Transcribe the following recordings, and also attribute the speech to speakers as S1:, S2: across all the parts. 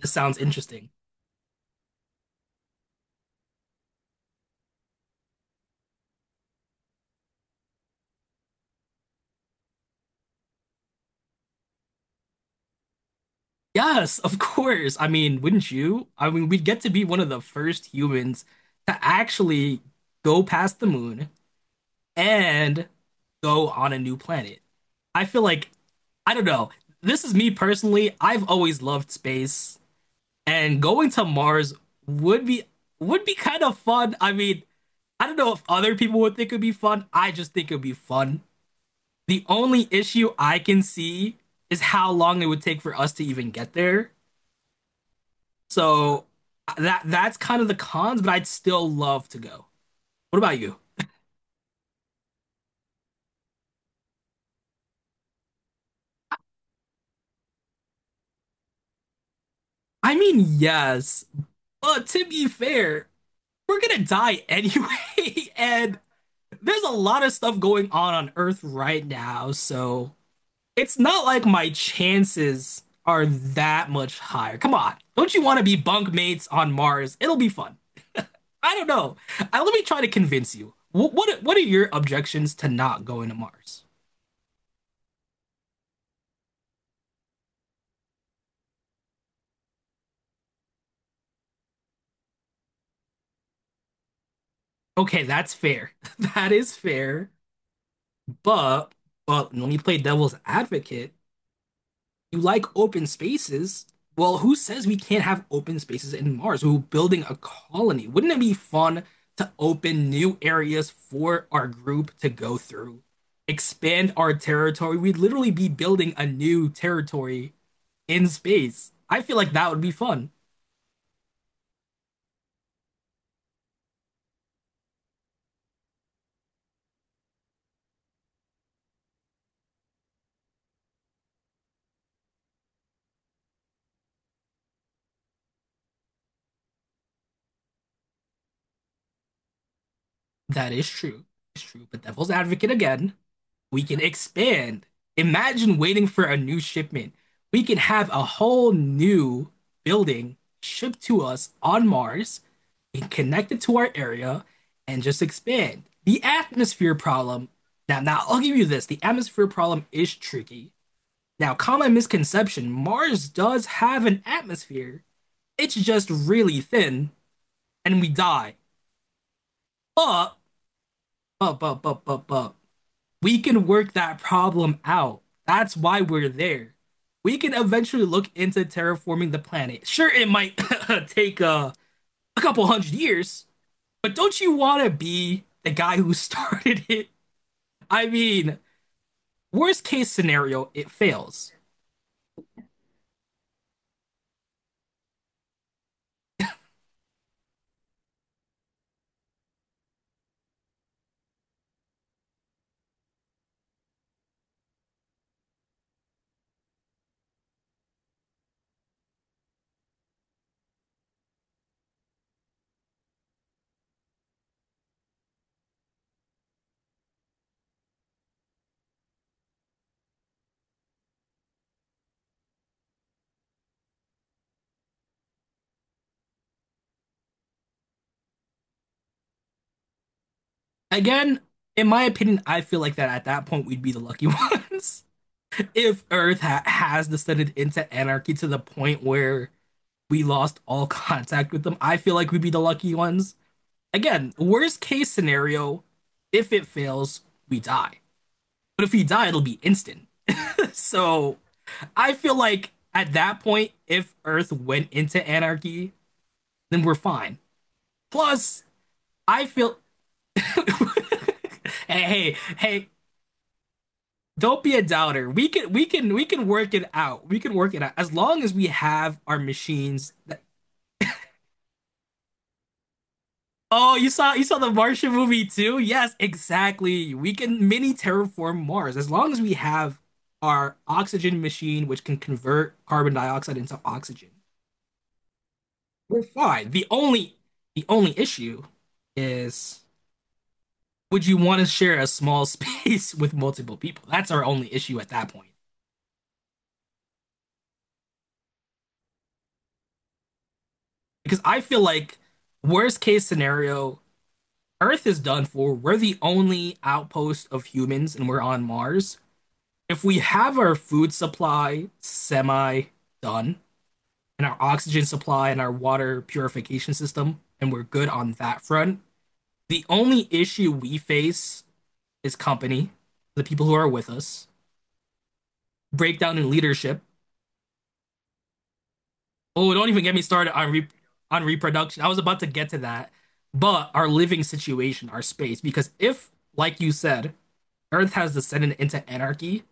S1: This sounds interesting. Yes, of course. I mean, wouldn't you? I mean, we'd get to be one of the first humans to actually go past the moon and go on a new planet. I feel like, I don't know. This is me personally. I've always loved space, and going to Mars would be would be kind of fun. I mean, I don't know if other people would think it'd be fun. I just think it'd be fun. The only issue I can see is how long it would take for us to even get there. So that's kind of the cons, but I'd still love to go. What about you? I mean, yes, but to be fair, we're gonna die anyway, and there's a lot of stuff going on Earth right now, so it's not like my chances are that much higher. Come on, don't you want to be bunk mates on Mars? It'll be fun. I don't know. Let me try to convince you. What are your objections to not going to Mars? Okay, that's fair. That is fair. But but when you play devil's advocate, you like open spaces. Well, who says we can't have open spaces in Mars? We're building a colony. Wouldn't it be fun to open new areas for our group to go through? Expand our territory. We'd literally be building a new territory in space. I feel like that would be fun. That is true. It's true. But devil's advocate again, we can expand. Imagine waiting for a new shipment. We can have a whole new building shipped to us on Mars and connected to our area and just expand. The atmosphere problem. Now I'll give you this. The atmosphere problem is tricky. Now, common misconception, Mars does have an atmosphere. It's just really thin and we die. But, but. We can work that problem out. That's why we're there. We can eventually look into terraforming the planet. Sure, it might take a couple hundred years, but don't you want to be the guy who started it? I mean, worst case scenario, it fails. Again, in my opinion, I feel like that at that point we'd be the lucky ones. If Earth ha has descended into anarchy to the point where we lost all contact with them, I feel like we'd be the lucky ones. Again, worst case scenario, if it fails, we die. But if we die, it'll be instant. So I feel like at that point, if Earth went into anarchy, then we're fine. Plus, I feel hey, hey, don't be a doubter. We can work it out. We can work it out as long as we have our machines. Oh, you saw the Martian movie too? Yes, exactly. We can mini terraform Mars as long as we have our oxygen machine, which can convert carbon dioxide into oxygen. We're fine. The only issue is, would you want to share a small space with multiple people? That's our only issue at that point. Because I feel like worst case scenario, Earth is done for. We're the only outpost of humans and we're on Mars. If we have our food supply semi done and our oxygen supply and our water purification system, and we're good on that front, the only issue we face is company, the people who are with us, breakdown in leadership. Oh, don't even get me started on re on reproduction. I was about to get to that, but our living situation, our space, because if, like you said, Earth has descended into anarchy,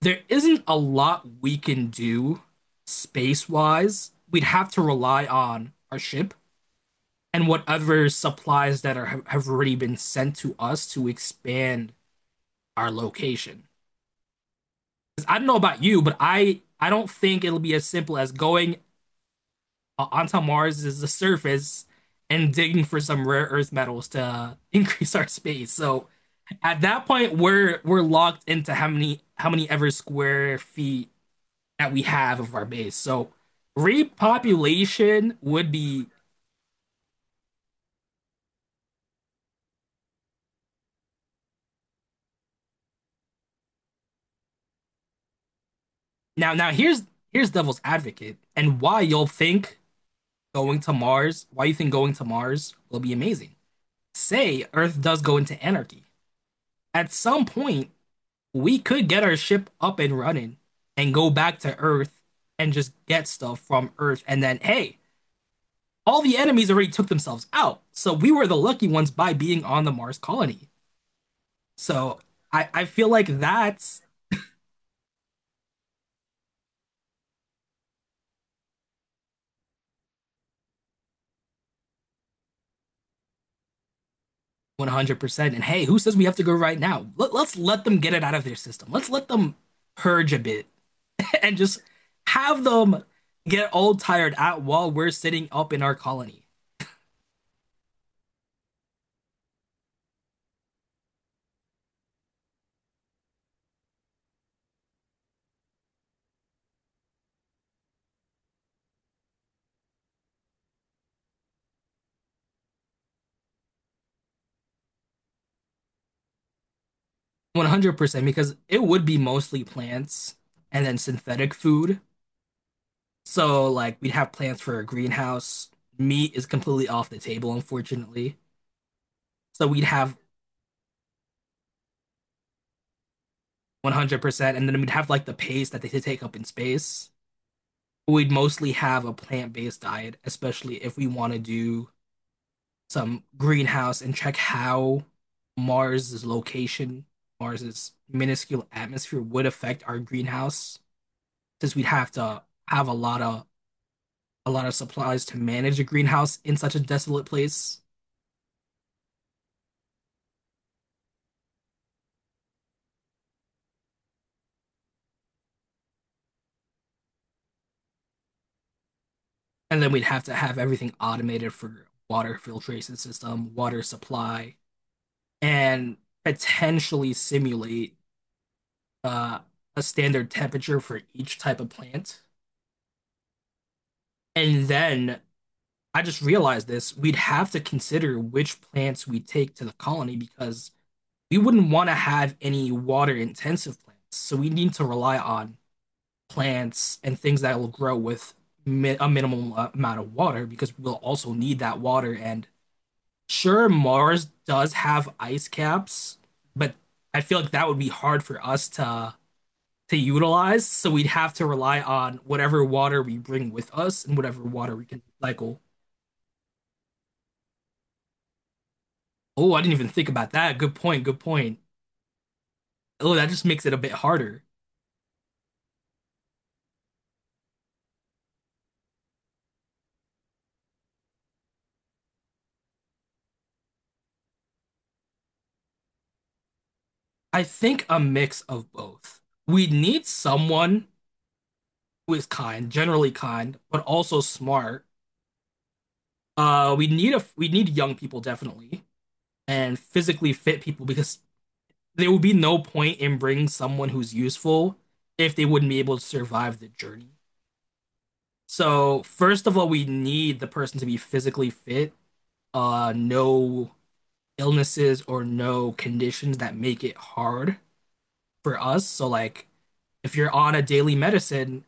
S1: there isn't a lot we can do space-wise. We'd have to rely on our ship and whatever supplies that are have already been sent to us to expand our location. I don't know about you, but I don't think it'll be as simple as going onto Mars's surface and digging for some rare earth metals to increase our space. So at that point, we're locked into how many ever square feet that we have of our base. So repopulation would be now here's devil's advocate and why you'll think going to Mars, why you think going to Mars will be amazing. Say Earth does go into anarchy. At some point, we could get our ship up and running and go back to Earth and just get stuff from Earth and then hey, all the enemies already took themselves out. So we were the lucky ones by being on the Mars colony. So I feel like that's 100%. And hey, who says we have to go right now? Let's let them get it out of their system. Let's let them purge a bit and just have them get all tired out while we're sitting up in our colony. 100%, because it would be mostly plants and then synthetic food. So, like, we'd have plants for a greenhouse. Meat is completely off the table, unfortunately. So, we'd have 100%, and then we'd have like the paste that they could take up in space. We'd mostly have a plant-based diet, especially if we want to do some greenhouse and check how Mars's location, Mars's minuscule atmosphere would affect our greenhouse, since we'd have to have a lot of supplies to manage a greenhouse in such a desolate place. And then we'd have to have everything automated for water filtration system, water supply, and potentially simulate uh, a standard temperature for each type of plant. And then I just realized this, we'd have to consider which plants we take to the colony because we wouldn't want to have any water intensive plants. So we need to rely on plants and things that will grow with mi a minimum amount of water because we'll also need that water. And sure, Mars does have ice caps, but I feel like that would be hard for us to utilize. So we'd have to rely on whatever water we bring with us and whatever water we can recycle. Oh, I didn't even think about that. Good point. Good point. Oh, that just makes it a bit harder. I think a mix of both. We need someone who is kind, generally kind, but also smart. We need a we need young people definitely and physically fit people because there will be no point in bringing someone who's useful if they wouldn't be able to survive the journey. So, first of all, we need the person to be physically fit, no illnesses or no conditions that make it hard for us. So like if you're on a daily medicine,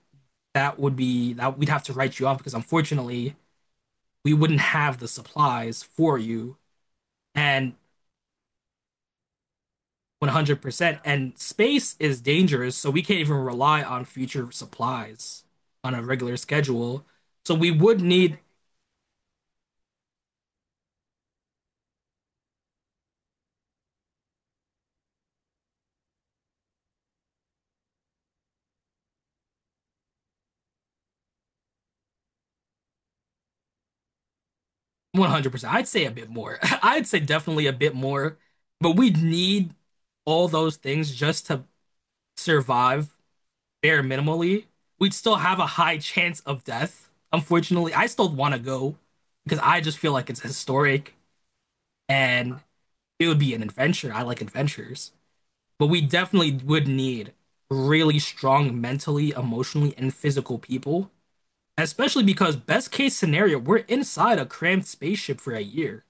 S1: that would be that we'd have to write you off because unfortunately we wouldn't have the supplies for you and 100% and space is dangerous so we can't even rely on future supplies on a regular schedule so we would need 100%. I'd say a bit more I'd say definitely a bit more but we'd need all those things just to survive bare minimally, we'd still have a high chance of death. Unfortunately, I still want to go because I just feel like it's historic and it would be an adventure. I like adventures. But we definitely would need really strong mentally, emotionally, and physical people, especially because, best case scenario, we're inside a cramped spaceship for a year.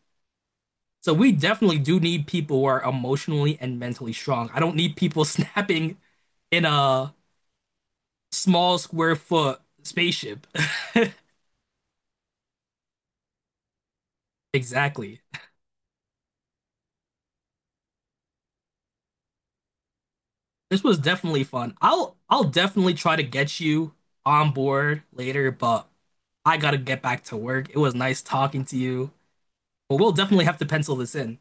S1: So we definitely do need people who are emotionally and mentally strong. I don't need people snapping in a small square foot spaceship. Exactly. This was definitely fun. I'll definitely try to get you on board later, but I gotta get back to work. It was nice talking to you, but we'll definitely have to pencil this in.